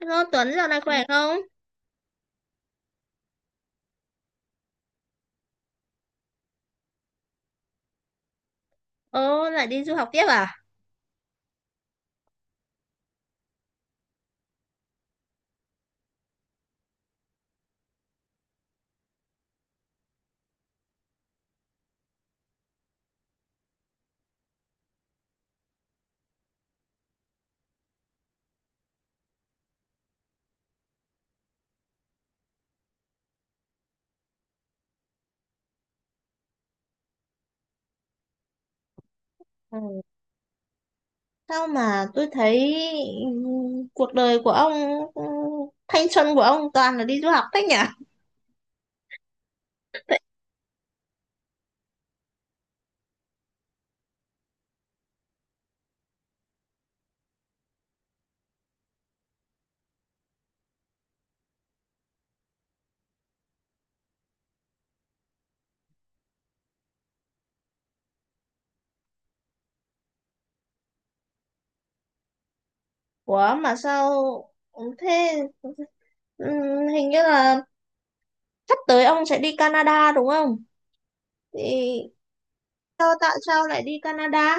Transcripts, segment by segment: Hello Tuấn, dạo này khỏe không? Ồ, lại đi du học tiếp à? Ừ. Sao mà tôi thấy ừ, cuộc đời của ông, ừ, thanh xuân của ông toàn là đi du học thế nhỉ? Ủa mà sao, thế, ừ, hình như là sắp tới ông sẽ đi Canada đúng không? Thì sao, tại sao lại đi Canada?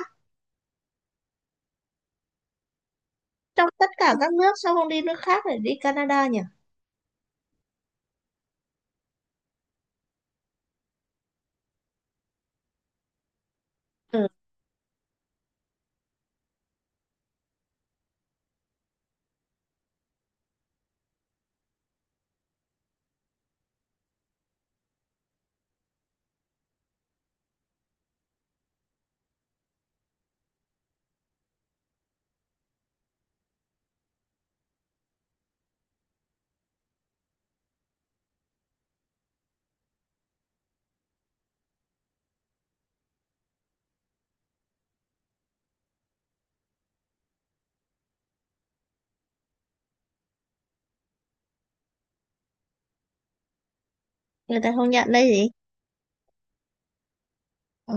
Trong tất cả các nước sao không đi nước khác lại đi Canada nhỉ? Ừ, người ta không nhận đây gì? Ờ.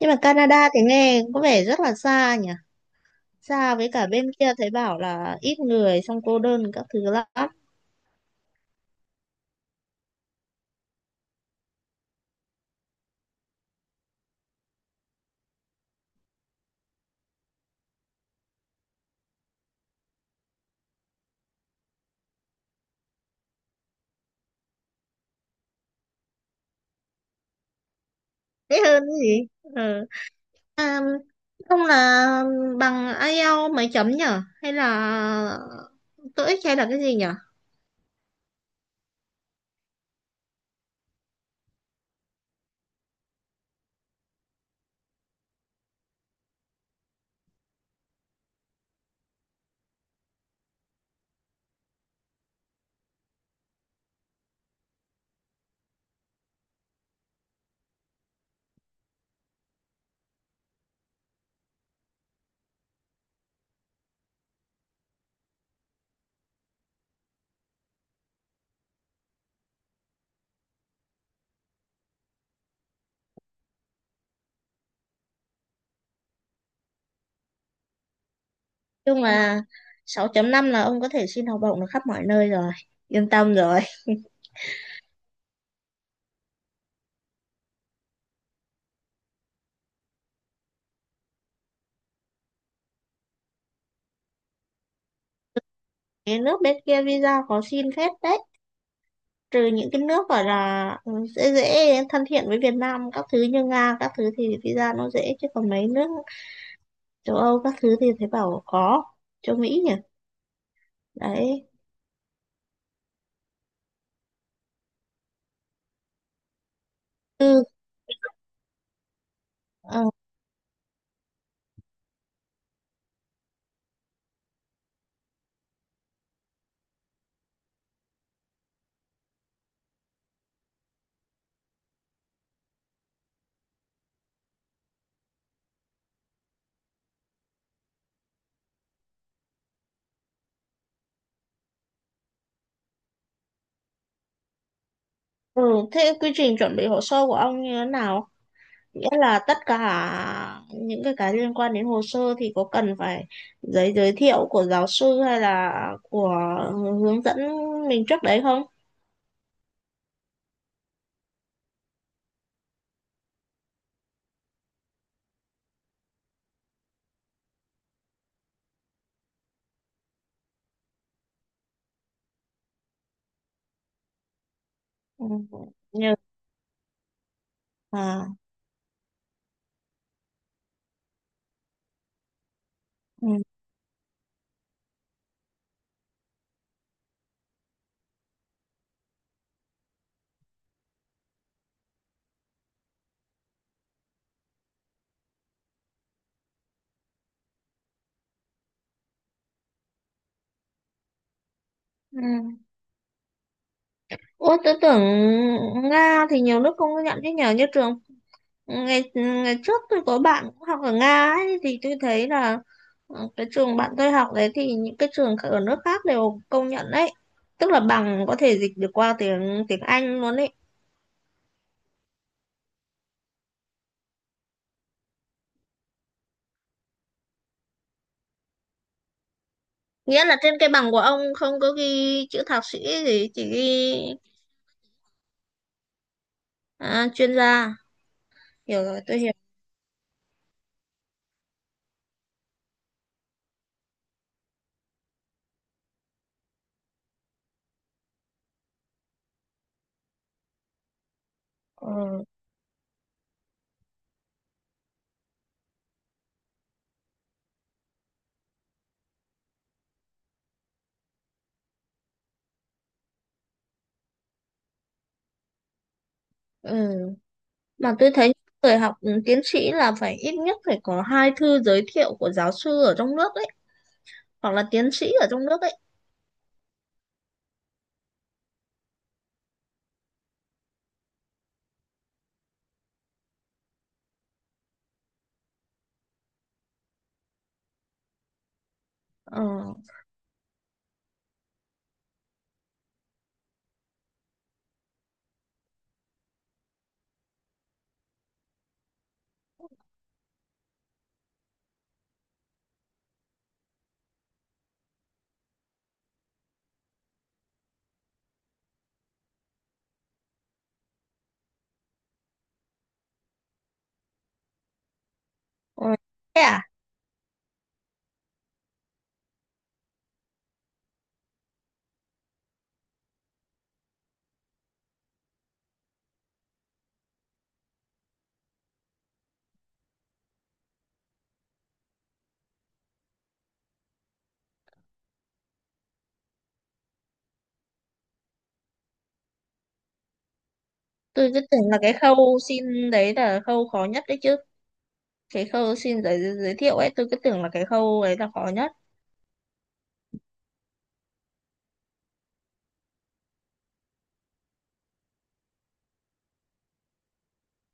Nhưng mà Canada thì nghe có vẻ rất là xa nhỉ? Xa với cả bên kia thấy bảo là ít người, xong cô đơn các thứ lắm. Thế hơn cái gì. Ừ. À, không, là bằng IELTS mấy chấm nhở, hay là TOEIC hay là cái gì nhở? Chung là sáu chấm năm là ông có thể xin học bổng được khắp mọi nơi rồi, yên tâm rồi. Cái nước bên kia visa khó xin phết đấy, trừ những cái nước gọi là dễ dễ, thân thiện với Việt Nam các thứ như Nga các thứ thì visa nó dễ, chứ còn mấy nước châu Âu các thứ thì thấy bảo khó, châu Mỹ nhỉ. Đấy. ừ, ờ, ừ. Thế quy trình chuẩn bị hồ sơ của ông như thế nào, nghĩa là tất cả những cái liên quan đến hồ sơ thì có cần phải giấy giới thiệu của giáo sư hay là của hướng dẫn mình trước đấy không? Ừ. Nhờ. À. Ừ. Ừ. Ủa, tôi tưởng Nga thì nhiều nước không có nhận chứ nhờ, như trường ngày ngày trước tôi có bạn cũng học ở Nga ấy, thì tôi thấy là ờ, cái trường bạn tôi học đấy thì những cái trường ở nước khác đều công nhận đấy, tức là bằng có thể dịch được qua tiếng tiếng Anh luôn đấy. Nghĩa là trên cái bằng của ông không có ghi chữ thạc sĩ gì, chỉ ghi à, chuyên gia. Hiểu rồi, tôi hiểu. ờ, ừ. Mà tôi thấy người học tiến sĩ là phải ít nhất phải có hai thư giới thiệu của giáo sư ở trong nước ấy, hoặc là tiến sĩ ở trong nước ấy. ờ, ờ. Thế à. Tôi cứ tưởng là cái khâu xin đấy là khâu khó nhất đấy chứ, cái khâu xin giới giới thiệu ấy tôi cứ tưởng là cái khâu ấy là khó nhất.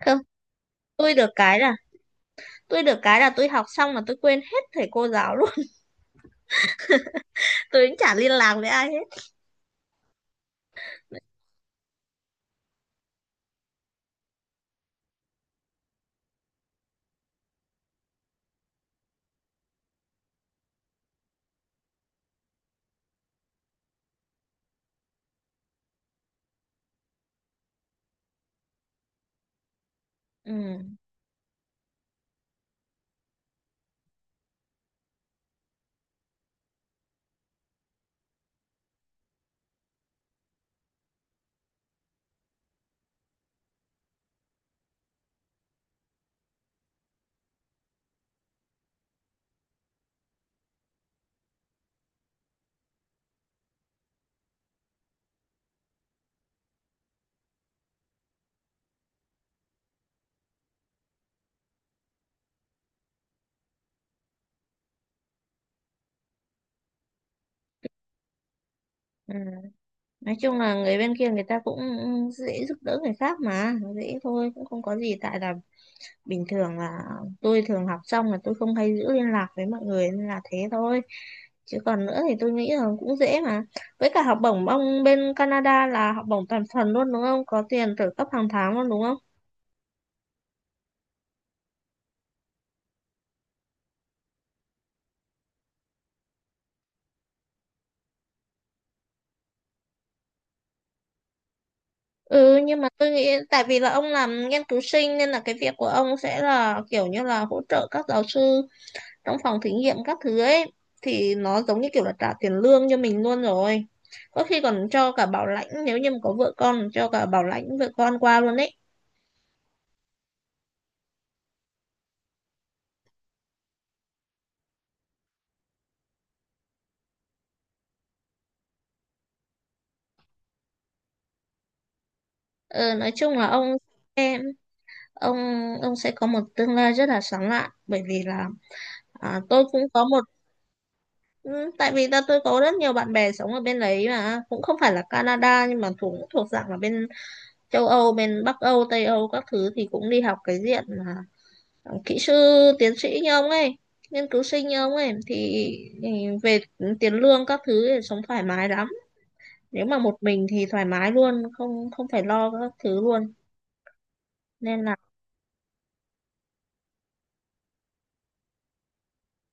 Không, tôi được cái là tôi được cái là tôi học xong mà tôi quên hết thầy cô giáo luôn. Tôi cũng chả liên lạc với ai hết. ừ, ừ. Nói chung là người bên kia người ta cũng dễ giúp đỡ người khác mà, dễ thôi, cũng không có gì, tại là bình thường là tôi thường học xong là tôi không hay giữ liên lạc với mọi người nên là thế thôi, chứ còn nữa thì tôi nghĩ là cũng dễ mà. Với cả học bổng ông bên Canada là học bổng toàn phần luôn đúng không, có tiền trợ cấp hàng tháng luôn đúng không? Ừ, nhưng mà tôi nghĩ tại vì là ông làm nghiên cứu sinh nên là cái việc của ông sẽ là kiểu như là hỗ trợ các giáo sư trong phòng thí nghiệm các thứ ấy, thì nó giống như kiểu là trả tiền lương cho mình luôn rồi. Có khi còn cho cả bảo lãnh, nếu như mà có vợ con cho cả bảo lãnh vợ con qua luôn ấy. Ờ, nói chung là ông ông sẽ có một tương lai rất là sáng lạn, bởi vì là à, tôi cũng có một, ừ, tại vì là tôi có rất nhiều bạn bè sống ở bên đấy mà cũng không phải là Canada nhưng mà thuộc thuộc dạng là bên châu Âu, bên Bắc Âu, Tây Âu các thứ thì cũng đi học cái diện mà kỹ sư, tiến sĩ như ông ấy, nghiên cứu sinh như ông ấy thì ừ, về tiền lương các thứ thì sống thoải mái lắm, nếu mà một mình thì thoải mái luôn, không không phải lo các thứ luôn, nên là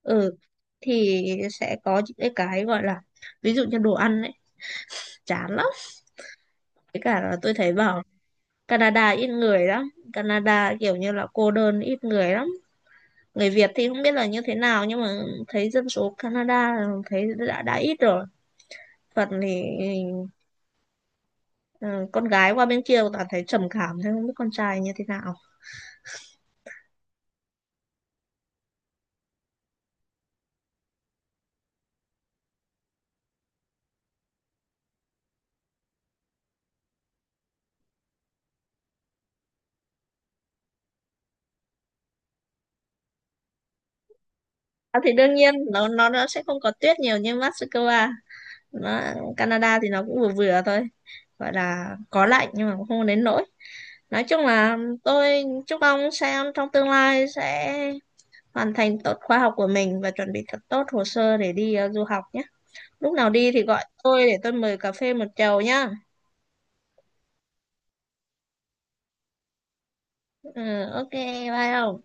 ừ thì sẽ có những cái gọi là, ví dụ như đồ ăn ấy, chán lắm. Với cả là tôi thấy bảo Canada ít người lắm, Canada kiểu như là cô đơn, ít người lắm. Người Việt thì không biết là như thế nào, nhưng mà thấy dân số Canada thấy đã ít rồi, phần thì ừ, con gái qua bên kia toàn thấy trầm cảm, thế không biết con trai như thế nào. À, thì đương nhiên nó sẽ không có tuyết nhiều như Moscow, nó, Canada thì nó cũng vừa vừa thôi, gọi là có lạnh nhưng mà cũng không đến nỗi. Nói chung là tôi chúc ông xem trong tương lai sẽ hoàn thành tốt khóa học của mình và chuẩn bị thật tốt hồ sơ để đi du học nhé. Lúc nào đi thì gọi tôi để tôi mời cà phê một chầu nhá. Ừ, ok bye không.